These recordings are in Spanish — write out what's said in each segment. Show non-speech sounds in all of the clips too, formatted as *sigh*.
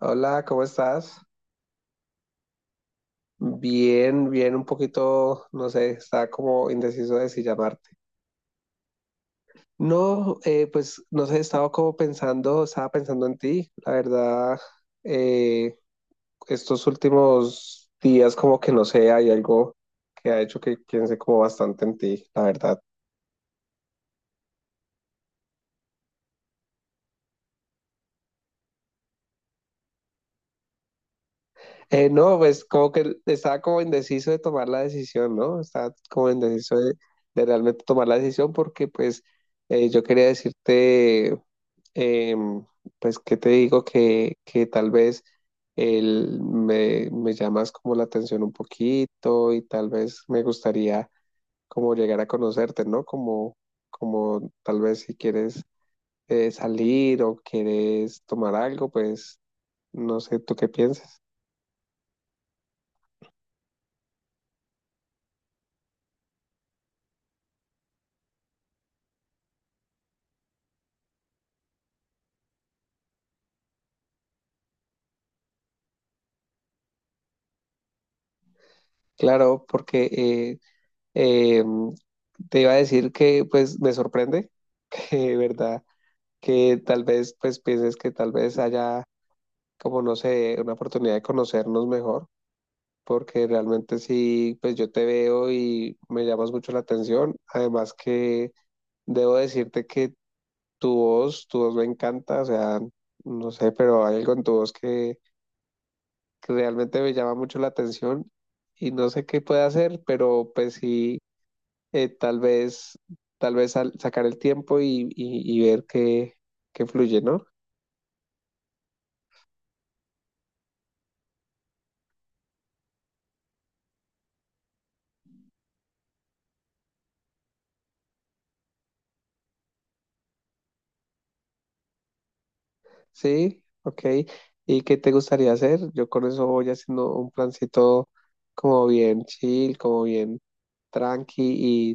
Hola, ¿cómo estás? Bien, bien, un poquito, no sé, estaba como indeciso de si llamarte. No, pues no sé, estaba como pensando, estaba pensando en ti. La verdad, eh, estos últimos días como que no sé, hay algo que ha hecho que piense como bastante en ti, la verdad. No, pues como que estaba como indeciso de tomar la decisión, ¿no? Estaba como indeciso de realmente tomar la decisión porque pues yo quería decirte... eh, pues, ¿qué te digo? Que tal vez me llamas como la atención un poquito y tal vez me gustaría como llegar a conocerte, ¿no? Como, como tal vez si quieres salir o quieres tomar algo, pues no sé, ¿tú qué piensas? Claro, porque eh, te iba a decir que pues me sorprende, *laughs* que, ¿verdad? Que tal vez pues pienses que tal vez haya como no sé, una oportunidad de conocernos mejor, porque realmente sí, pues yo te veo y me llamas mucho la atención. Además que debo decirte que tu voz me encanta, o sea, no sé, pero hay algo en tu voz que realmente me llama mucho la atención y no sé qué puede hacer, pero pues sí, eh, tal vez, tal vez sacar el tiempo y ver qué, qué fluye, ¿no? Sí, ok. ¿Y qué te gustaría hacer? Yo con eso voy haciendo un plancito como bien chill, como bien tranqui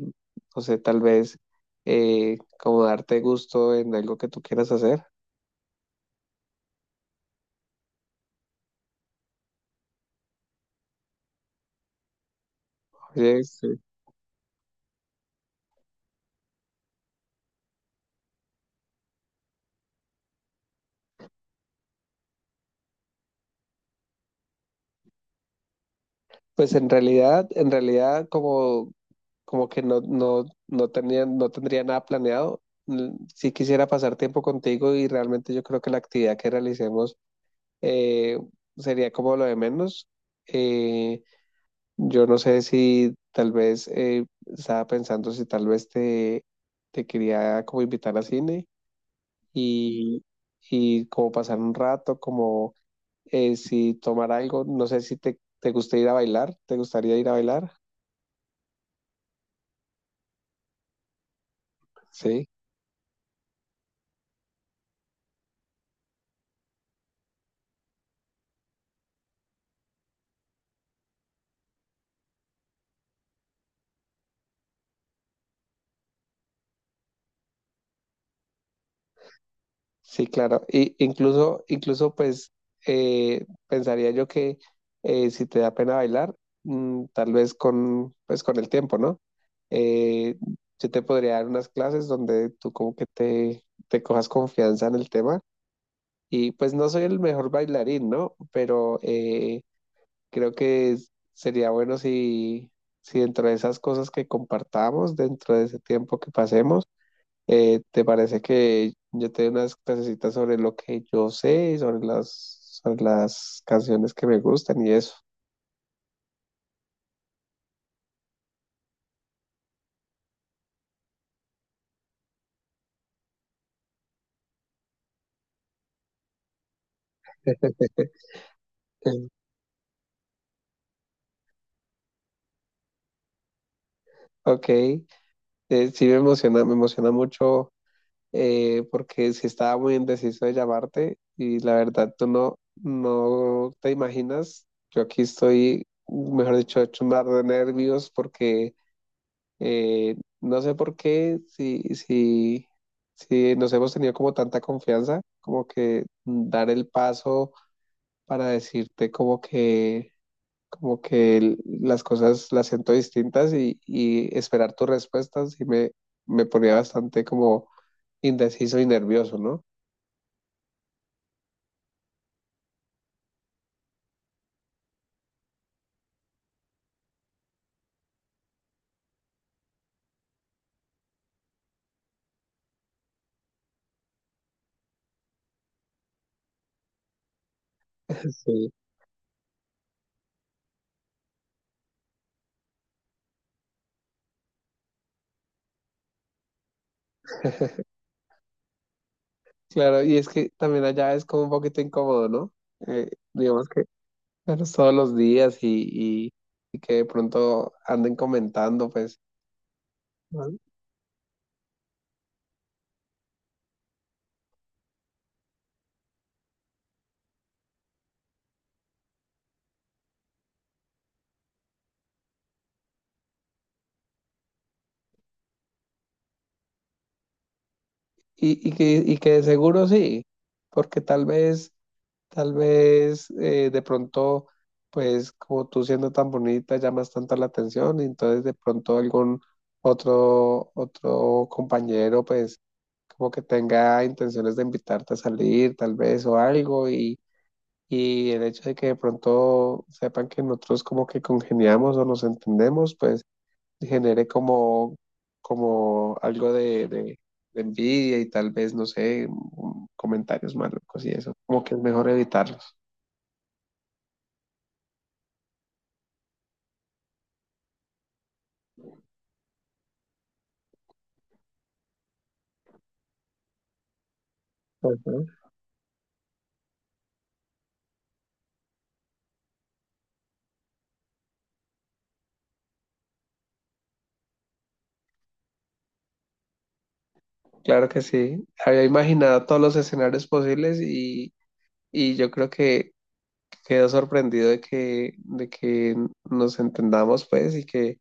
y no sé, tal vez como darte gusto en algo que tú quieras hacer. Oye, sí. Pues en realidad como, como que no, no tenía, no tendría nada planeado. Sí quisiera pasar tiempo contigo y realmente yo creo que la actividad que realicemos eh, sería como lo de menos. Eh, Yo no sé si tal vez estaba pensando si tal vez te quería como invitar a cine y, y como pasar un rato, como si tomar algo, no sé si te gusta ir a bailar, ¿te gustaría ir a bailar? Sí. Sí, claro. Y incluso, incluso pues pensaría yo que si te da pena bailar, mm, tal vez con, pues, con el tiempo, ¿no? Eh, yo te podría dar unas clases donde tú como que te cojas confianza en el tema. Y pues no soy el mejor bailarín, ¿no? Pero creo que sería bueno si, si dentro de esas cosas que compartamos, dentro de ese tiempo que pasemos, ¿te parece que yo te dé unas clasecitas sobre lo que yo sé, y sobre las canciones que me gustan y eso? Em, Ok, sí me emociona mucho porque sí estaba muy indeciso de llamarte y la verdad tú no, no te imaginas, yo aquí estoy, mejor dicho, hecho un mar de nervios porque no sé por qué, si nos hemos tenido como tanta confianza, como que dar el paso para decirte como que las cosas las siento distintas y esperar tus respuestas me ponía bastante como indeciso y nervioso, ¿no? *laughs* Sí. Claro, y es que también allá es como un poquito incómodo, ¿no? Digamos que verlos todos los días y que de pronto anden comentando, pues. ¿No? Y que de seguro sí, porque tal vez de pronto, pues como tú siendo tan bonita llamas tanto la atención, y entonces de pronto algún otro, otro compañero, pues como que tenga intenciones de invitarte a salir, tal vez, o algo, y el hecho de que de pronto sepan que nosotros como que congeniamos o nos entendemos, pues genere como, como algo de envidia y tal vez, no sé, comentarios malucos y eso, como que es mejor evitarlos. Ujú. Claro que sí, había imaginado todos los escenarios posibles y yo creo que quedo sorprendido de que nos entendamos pues y que,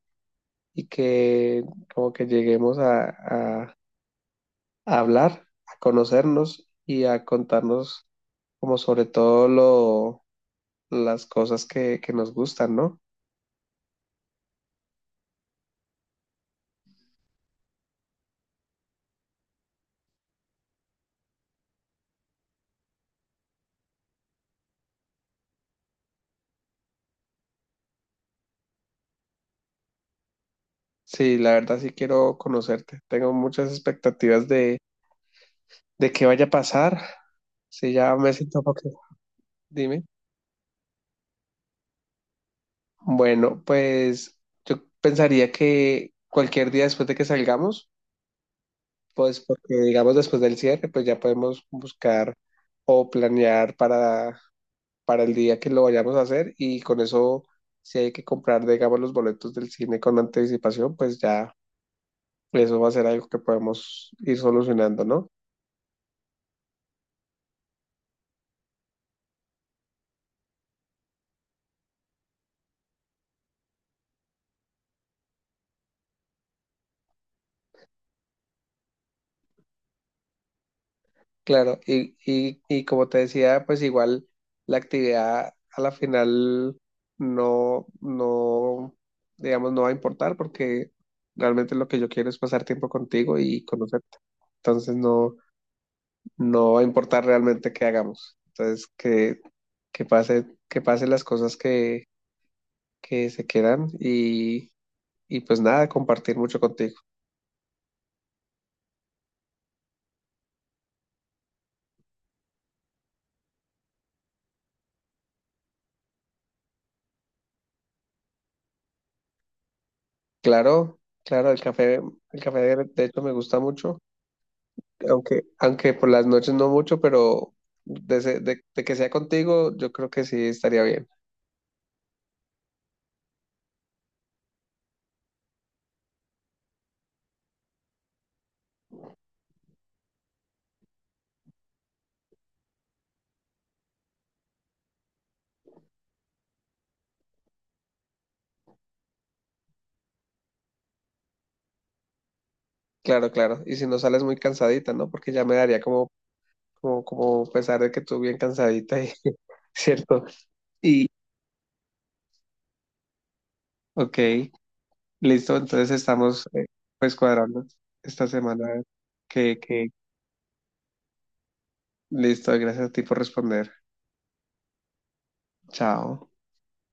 y que como que lleguemos a- a hablar, a conocernos y a contarnos como sobre todo lo las cosas que nos gustan, ¿no? Sí, la verdad sí quiero conocerte. Tengo muchas expectativas de qué vaya a pasar. Sí, ya me siento un poco. Dime. Bueno, pues yo pensaría que cualquier día después de que salgamos, pues porque digamos después del cierre, pues ya podemos buscar o planear para el día que lo vayamos a hacer y con eso, si hay que comprar, digamos, los boletos del cine con anticipación, pues ya eso va a ser algo que podemos ir solucionando, ¿no? Claro, y como te decía, pues igual la actividad a la final no, no, digamos, no va a importar porque realmente lo que yo quiero es pasar tiempo contigo y conocerte. Entonces no, no va a importar realmente qué hagamos. Entonces que pase, que pasen las cosas que se quedan y pues nada, compartir mucho contigo. Claro, claro, el café de hecho me gusta mucho, aunque, aunque por las noches no mucho, pero de que sea contigo, yo creo que sí estaría bien. Claro, claro. Y si no sales muy cansadita, ¿no? Porque ya me daría como, como pesar de que tú bien cansadita y *laughs* cierto. Y ok, listo, entonces estamos pues cuadrando esta semana que listo, gracias a ti por responder. Chao.